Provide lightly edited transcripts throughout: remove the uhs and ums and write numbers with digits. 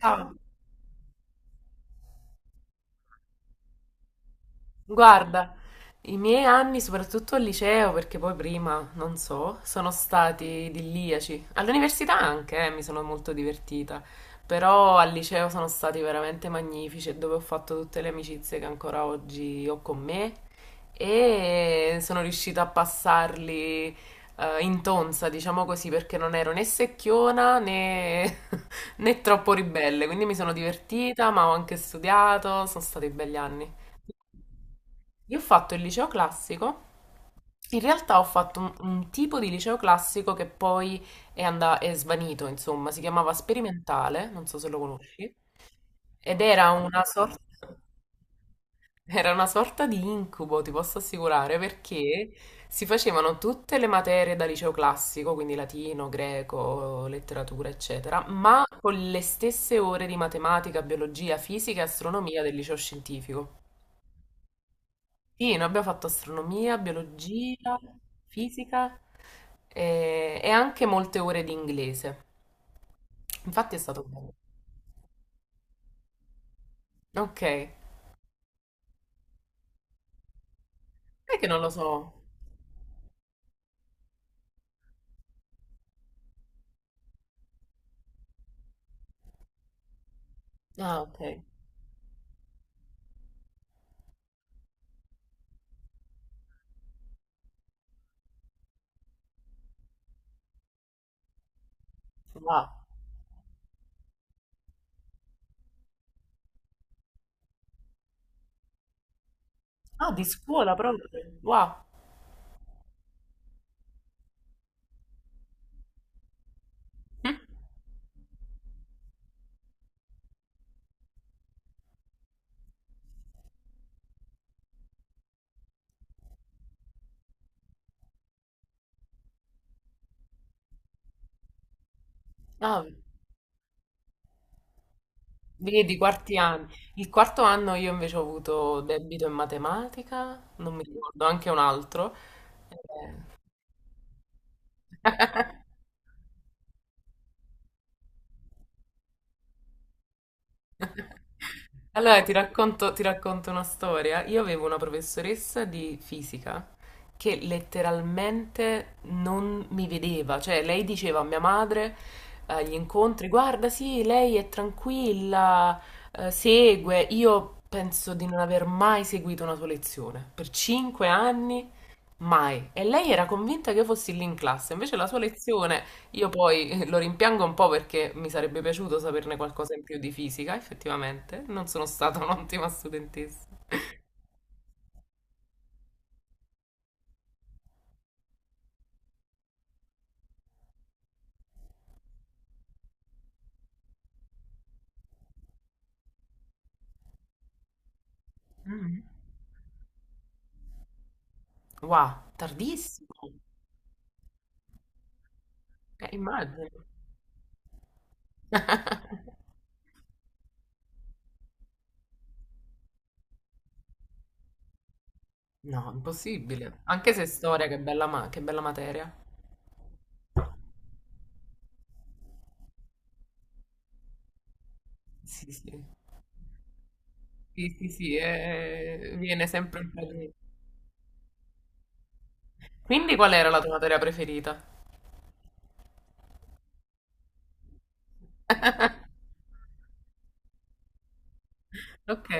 Ciao. Guarda, i miei anni, soprattutto al liceo, perché poi prima, non so, sono stati idilliaci. All'università anche, mi sono molto divertita, però al liceo sono stati veramente magnifici, e dove ho fatto tutte le amicizie che ancora oggi ho con me e sono riuscita a passarli in tonza, diciamo così, perché non ero né secchiona né, né troppo ribelle, quindi mi sono divertita, ma ho anche studiato, sono stati belli anni. Io ho fatto il liceo classico. In realtà ho fatto un tipo di liceo classico che poi è, è svanito, insomma, si chiamava sperimentale, non so se lo conosci, ed era una sorta di incubo, ti posso assicurare, perché si facevano tutte le materie da liceo classico, quindi latino, greco, letteratura, eccetera, ma con le stesse ore di matematica, biologia, fisica e astronomia del liceo scientifico. Sì, noi abbiamo fatto astronomia, biologia, fisica e anche molte ore di inglese. Infatti è stato bello. Ok, è che non lo so. Ah, ok. Wow. Ah, di scuola proprio. Wow. Hm? Ah, vedi, quarti anni. Il quarto anno io invece ho avuto debito in matematica, non mi ricordo, anche un altro. Eh. Allora, ti racconto una storia. Io avevo una professoressa di fisica che letteralmente non mi vedeva, cioè lei diceva a mia madre agli incontri, guarda, sì, lei è tranquilla, segue. Io penso di non aver mai seguito una sua lezione. Per 5 anni. Mai. E lei era convinta che io fossi lì in classe, invece la sua lezione, io poi lo rimpiango un po' perché mi sarebbe piaciuto saperne qualcosa in più di fisica, effettivamente. Non sono stata un'ottima studentessa. Mhm. Wow, tardissimo. Immagino. No, impossibile. Anche se storia, che bella, che bella materia. Sì, sì. Sì, sì, sì, viene sempre un po' di... Quindi qual era la tua materia preferita? Ok,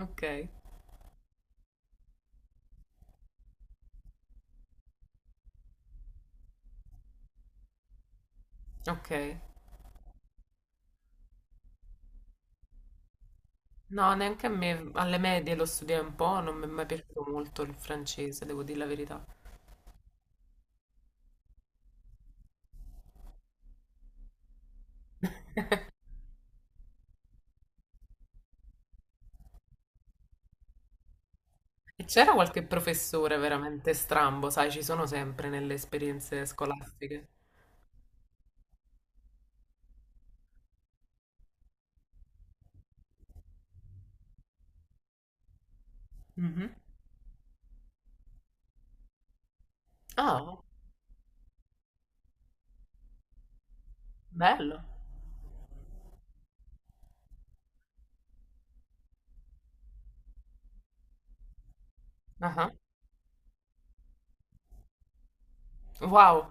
ok, ok. No, neanche a me, alle medie lo studiai un po', non mi è mai piaciuto molto il francese, devo dire la verità. E c'era qualche professore veramente strambo, sai, ci sono sempre nelle esperienze scolastiche. Mhm. Ah, bello. Ah, ah. Wow,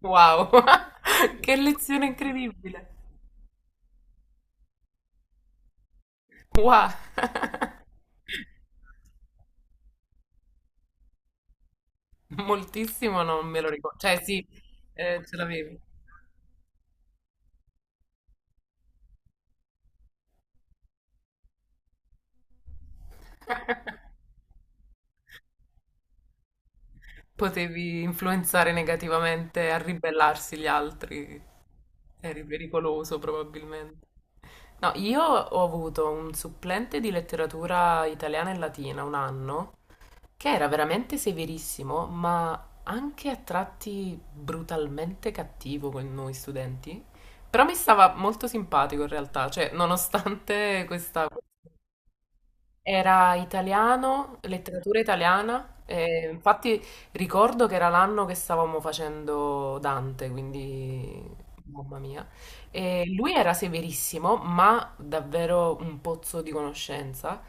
wow, che lezione incredibile. Wow. Moltissimo non me lo ricordo. Cioè, sì, ce l'avevi. Potevi influenzare negativamente a ribellarsi gli altri. Eri pericoloso probabilmente. No, io ho avuto un supplente di letteratura italiana e latina un anno che era veramente severissimo, ma anche a tratti brutalmente cattivo con noi studenti. Però mi stava molto simpatico in realtà, cioè nonostante questa era italiano, letteratura italiana, e infatti ricordo che era l'anno che stavamo facendo Dante, quindi mamma mia. E lui era severissimo, ma davvero un pozzo di conoscenza.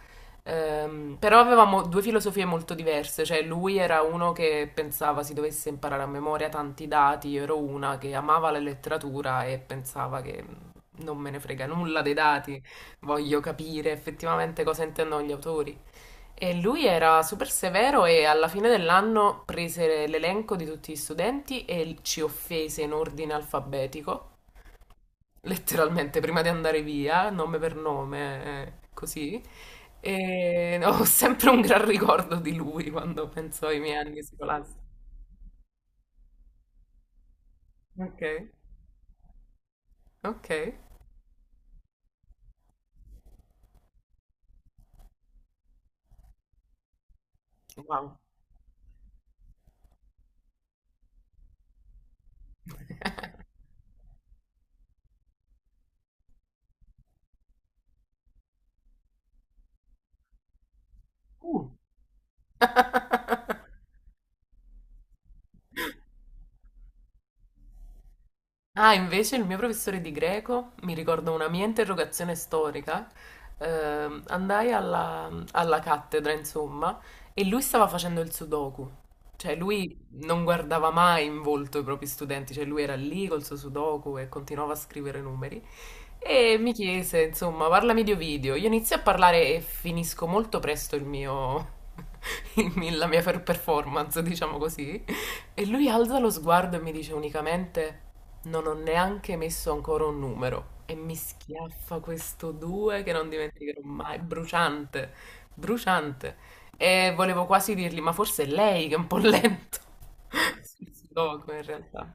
Però avevamo due filosofie molto diverse, cioè lui era uno che pensava si dovesse imparare a memoria tanti dati, io ero una che amava la letteratura e pensava che non me ne frega nulla dei dati. Voglio capire effettivamente cosa intendono gli autori. E lui era super severo e alla fine dell'anno prese l'elenco di tutti gli studenti e ci offese in ordine alfabetico, letteralmente prima di andare via, nome per nome, così. E ho sempre un gran ricordo di lui quando penso ai miei anni scolastici. Ok, ok, wow. Uh. Ah, invece il mio professore di greco, mi ricordo una mia interrogazione storica, andai alla cattedra, insomma, e lui stava facendo il sudoku. Cioè, lui non guardava mai in volto i propri studenti, cioè lui era lì col suo sudoku e continuava a scrivere numeri. E mi chiese, insomma, parlami di Ovidio. Io inizio a parlare e finisco molto presto il mio, la mia performance, diciamo così. E lui alza lo sguardo e mi dice unicamente: Non ho neanche messo ancora un numero. E mi schiaffa questo 2 che non dimenticherò mai, bruciante, bruciante. E volevo quasi dirgli: Ma forse è lei che è un po' lento. Sul sudoku, in realtà.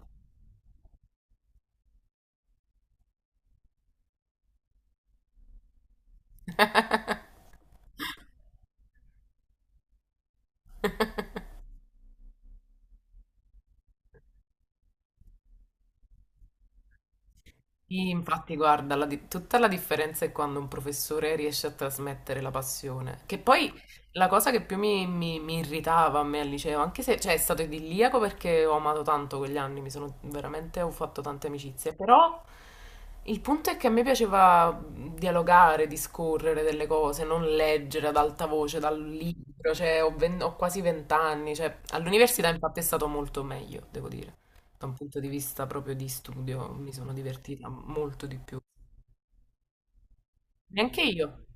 Sì, infatti, guarda, tutta la differenza è quando un professore riesce a trasmettere la passione. Che poi la cosa che più mi irritava a me al liceo, anche se cioè, è stato idilliaco perché ho amato tanto quegli anni, mi sono veramente, ho fatto tante amicizie, però il punto è che a me piaceva dialogare, discorrere delle cose, non leggere ad alta voce dal libro, cioè, ho quasi vent'anni, cioè, all'università infatti è stato molto meglio, devo dire da un punto di vista proprio di studio mi sono divertita molto di più. E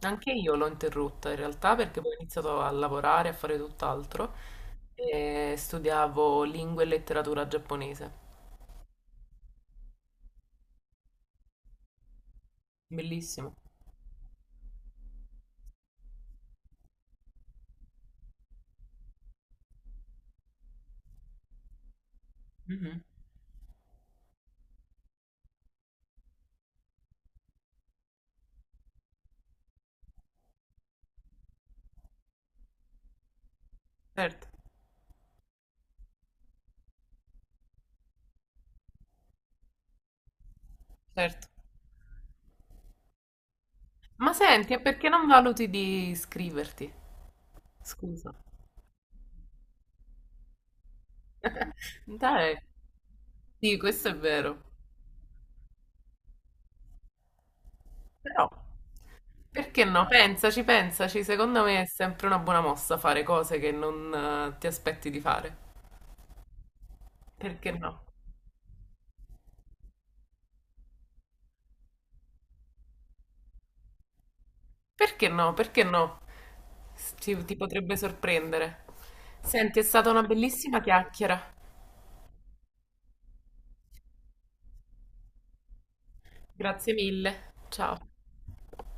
anche io l'ho interrotta in realtà perché poi ho iniziato a lavorare, a fare tutt'altro e studiavo lingua e letteratura giapponese. Bellissimo. Mhm. Certo, certo. Ma senti, e perché non valuti di iscriverti? Scusa. Dai, sì, questo è vero. Però perché no? Pensaci, pensaci, secondo me è sempre una buona mossa fare cose che non ti aspetti di fare. Perché no? Perché no? Perché no? Ti potrebbe sorprendere. Senti, è stata una bellissima chiacchiera. Grazie mille. Ciao.